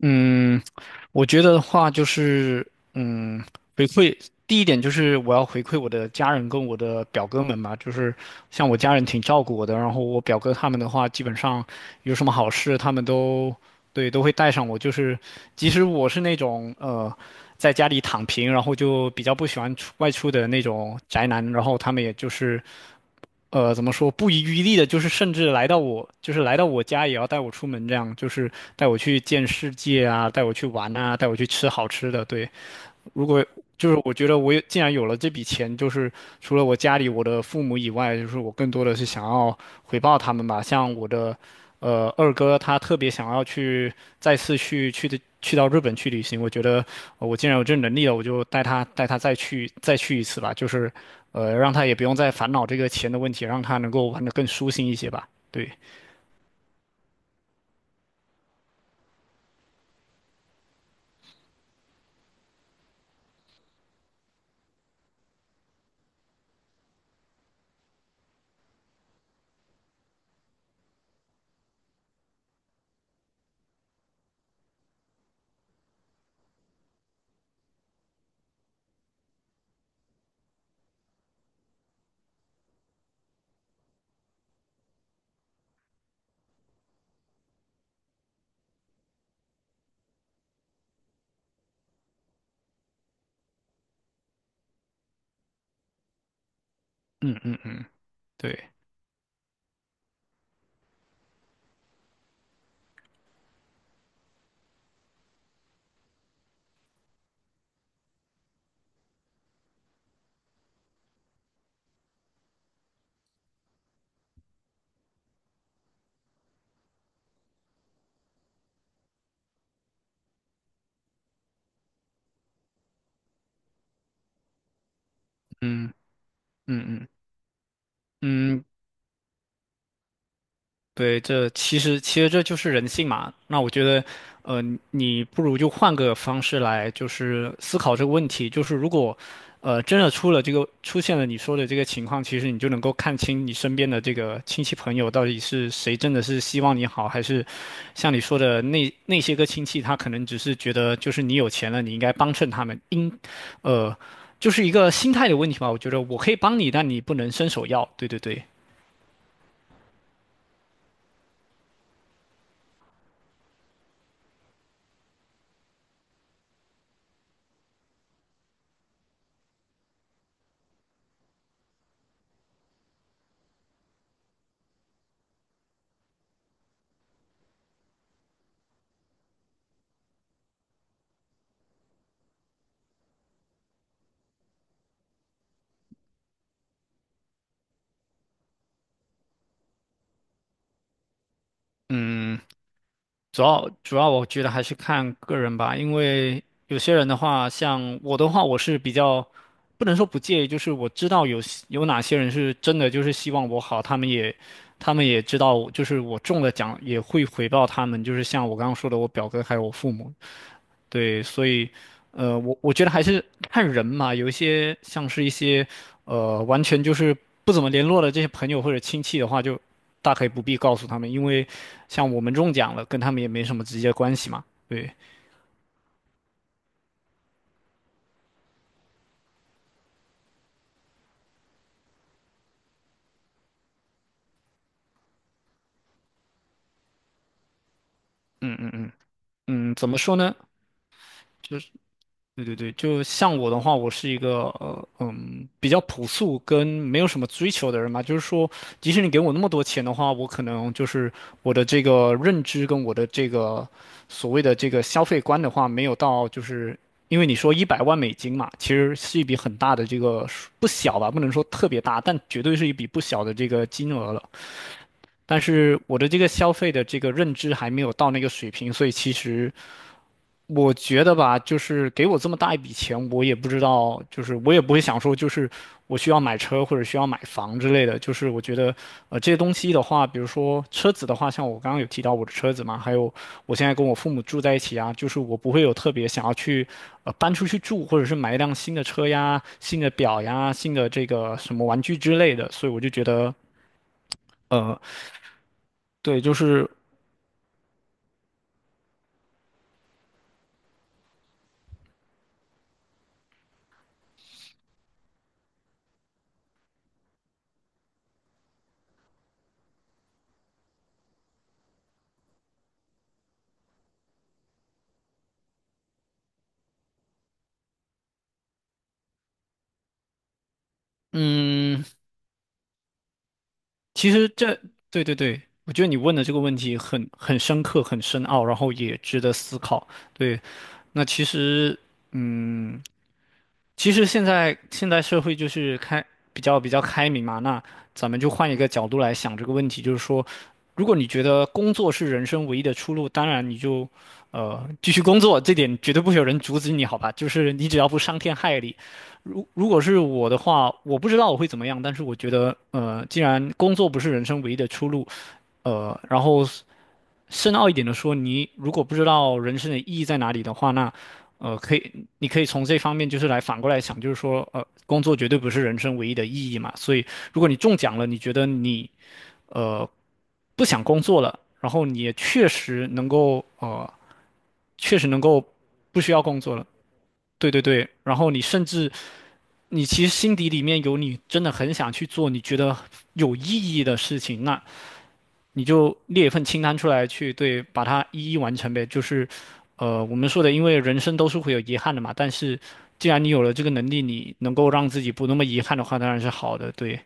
嗯，我觉得的话就是，嗯，回馈第一点就是我要回馈我的家人跟我的表哥们嘛。就是像我家人挺照顾我的，然后我表哥他们的话，基本上有什么好事他们都对都会带上我，就是即使我是那种在家里躺平，然后就比较不喜欢出外出的那种宅男，然后他们也就是怎么说不遗余力的，就是甚至来到我，就是来到我家也要带我出门，这样就是带我去见世界啊，带我去玩啊，带我去吃好吃的，对。如果就是我觉得我也既然有了这笔钱，就是除了我家里我的父母以外，就是我更多的是想要回报他们吧。像我的二哥，他特别想要去再次去去的去到日本去旅行。我觉得我既然有这能力了，我就带他再去一次吧。就是让他也不用再烦恼这个钱的问题，让他能够玩得更舒心一些吧。对。嗯嗯嗯。对。嗯嗯嗯嗯。对，这其实这就是人性嘛。那我觉得，呃，你不如就换个方式来，就是思考这个问题。就是如果，真的出了这个出现了你说的这个情况，其实你就能够看清你身边的这个亲戚朋友到底是谁真的是希望你好，还是像你说的那些个亲戚，他可能只是觉得就是你有钱了，你应该帮衬他们，应，呃，就是一个心态的问题吧。我觉得我可以帮你，但你不能伸手要。对对对。嗯。主要我觉得还是看个人吧，因为有些人的话，像我的话，我是比较不能说不介意，就是我知道有哪些人是真的就是希望我好，他们也他们也知道，就是我中了奖也会回报他们，就是像我刚刚说的，我表哥还有我父母。对，所以，我觉得还是看人嘛，有一些像是一些，完全就是不怎么联络的这些朋友或者亲戚的话，就大可以不必告诉他们，因为像我们中奖了，跟他们也没什么直接关系嘛。对。嗯嗯嗯嗯。怎么说呢？对对对，就像我的话，我是一个比较朴素跟没有什么追求的人嘛，就是说，即使你给我那么多钱的话，我可能就是我的这个认知跟我的这个所谓的这个消费观的话，没有到就是因为你说100万美金嘛，其实是一笔很大的这个数不小吧，不能说特别大，但绝对是一笔不小的这个金额了。但是我的这个消费的这个认知还没有到那个水平，所以其实。我觉得吧，就是给我这么大一笔钱，我也不知道，就是我也不会想说，就是我需要买车或者需要买房之类的。就是我觉得，这些东西的话，比如说车子的话，像我刚刚有提到我的车子嘛，还有我现在跟我父母住在一起啊，就是我不会有特别想要去，搬出去住，或者是买一辆新的车呀、新的表呀、新的这个什么玩具之类的。所以我就觉得，呃，对，就是。嗯，其实这，对对对，我觉得你问的这个问题很深刻、很深奥，然后也值得思考。对，那其实，嗯。其实现在社会就是开比较开明嘛，那咱们就换一个角度来想这个问题，就是说，如果你觉得工作是人生唯一的出路，当然你就，继续工作，这点绝对不会有人阻止你，好吧？就是你只要不伤天害理。如果是我的话，我不知道我会怎么样，但是我觉得，既然工作不是人生唯一的出路，然后深奥一点的说，你如果不知道人生的意义在哪里的话，那可以，你可以从这方面就是来反过来想，就是说，工作绝对不是人生唯一的意义嘛。所以，如果你中奖了，你觉得你呃不想工作了，然后你也确实能够确实能够不需要工作了。对对对。然后你甚至你其实心底里面有你真的很想去做你觉得有意义的事情，那你就列一份清单出来去对，把它一一完成呗。就是，我们说的，因为人生都是会有遗憾的嘛。但是，既然你有了这个能力，你能够让自己不那么遗憾的话，当然是好的。对。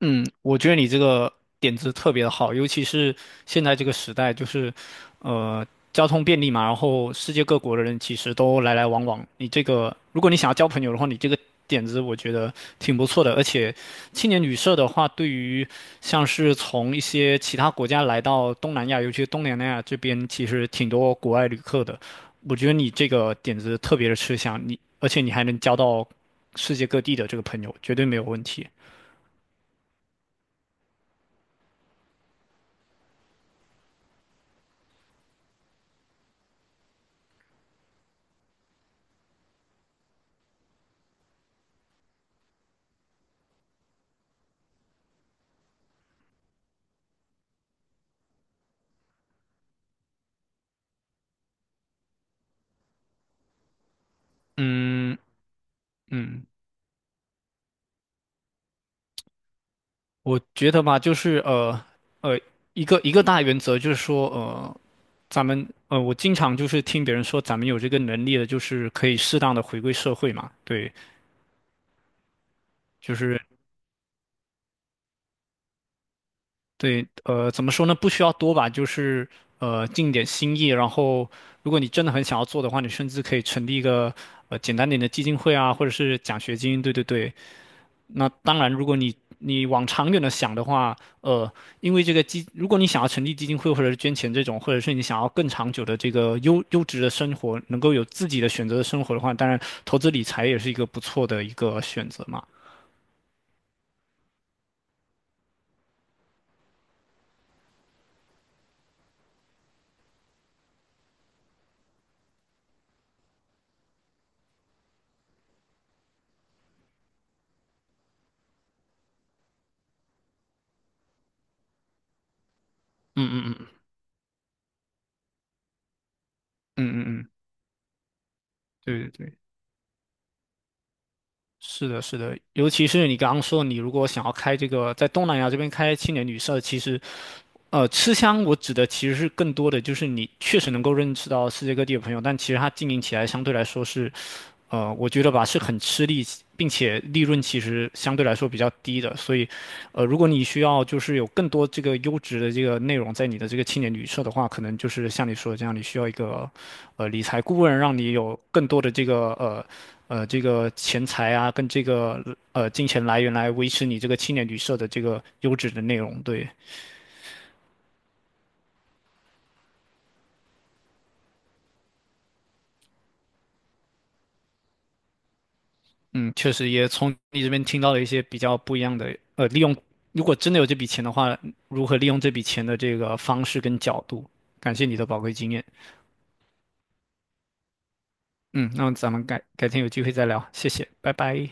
嗯，我觉得你这个点子特别的好，尤其是现在这个时代，就是，呃，交通便利嘛，然后世界各国的人其实都来来往往。你这个，如果你想要交朋友的话，你这个点子我觉得挺不错的。而且，青年旅社的话，对于像是从一些其他国家来到东南亚，尤其是东南亚这边，其实挺多国外旅客的。我觉得你这个点子特别的吃香，你而且你还能交到世界各地的这个朋友，绝对没有问题。嗯。嗯，我觉得吧，就是呃，一个大原则就是说，我经常就是听别人说，咱们有这个能力的，就是可以适当的回归社会嘛。对，就是对，怎么说呢？不需要多吧，就是尽点心意。然后，如果你真的很想要做的话，你甚至可以成立一个简单点的基金会啊，或者是奖学金。对对对，那当然，如果你你往长远的想的话，因为这个基，如果你想要成立基金会或者是捐钱这种，或者是你想要更长久的这个优质的生活，能够有自己的选择的生活的话，当然投资理财也是一个不错的一个选择嘛。嗯嗯嗯，对对对。是的，是的，尤其是你刚刚说，你如果想要开这个在东南亚这边开青年旅社，其实，吃香我指的其实是更多的就是你确实能够认识到世界各地的朋友，但其实它经营起来相对来说是我觉得吧是很吃力，并且利润其实相对来说比较低的，所以，如果你需要就是有更多这个优质的这个内容在你的这个青年旅社的话，可能就是像你说的这样，你需要一个理财顾问，让你有更多的这个这个钱财啊，跟这个金钱来源来维持你这个青年旅社的这个优质的内容，对。嗯，确实也从你这边听到了一些比较不一样的，利用，如果真的有这笔钱的话，如何利用这笔钱的这个方式跟角度。感谢你的宝贵经验。嗯，那咱们改天有机会再聊，谢谢，拜拜。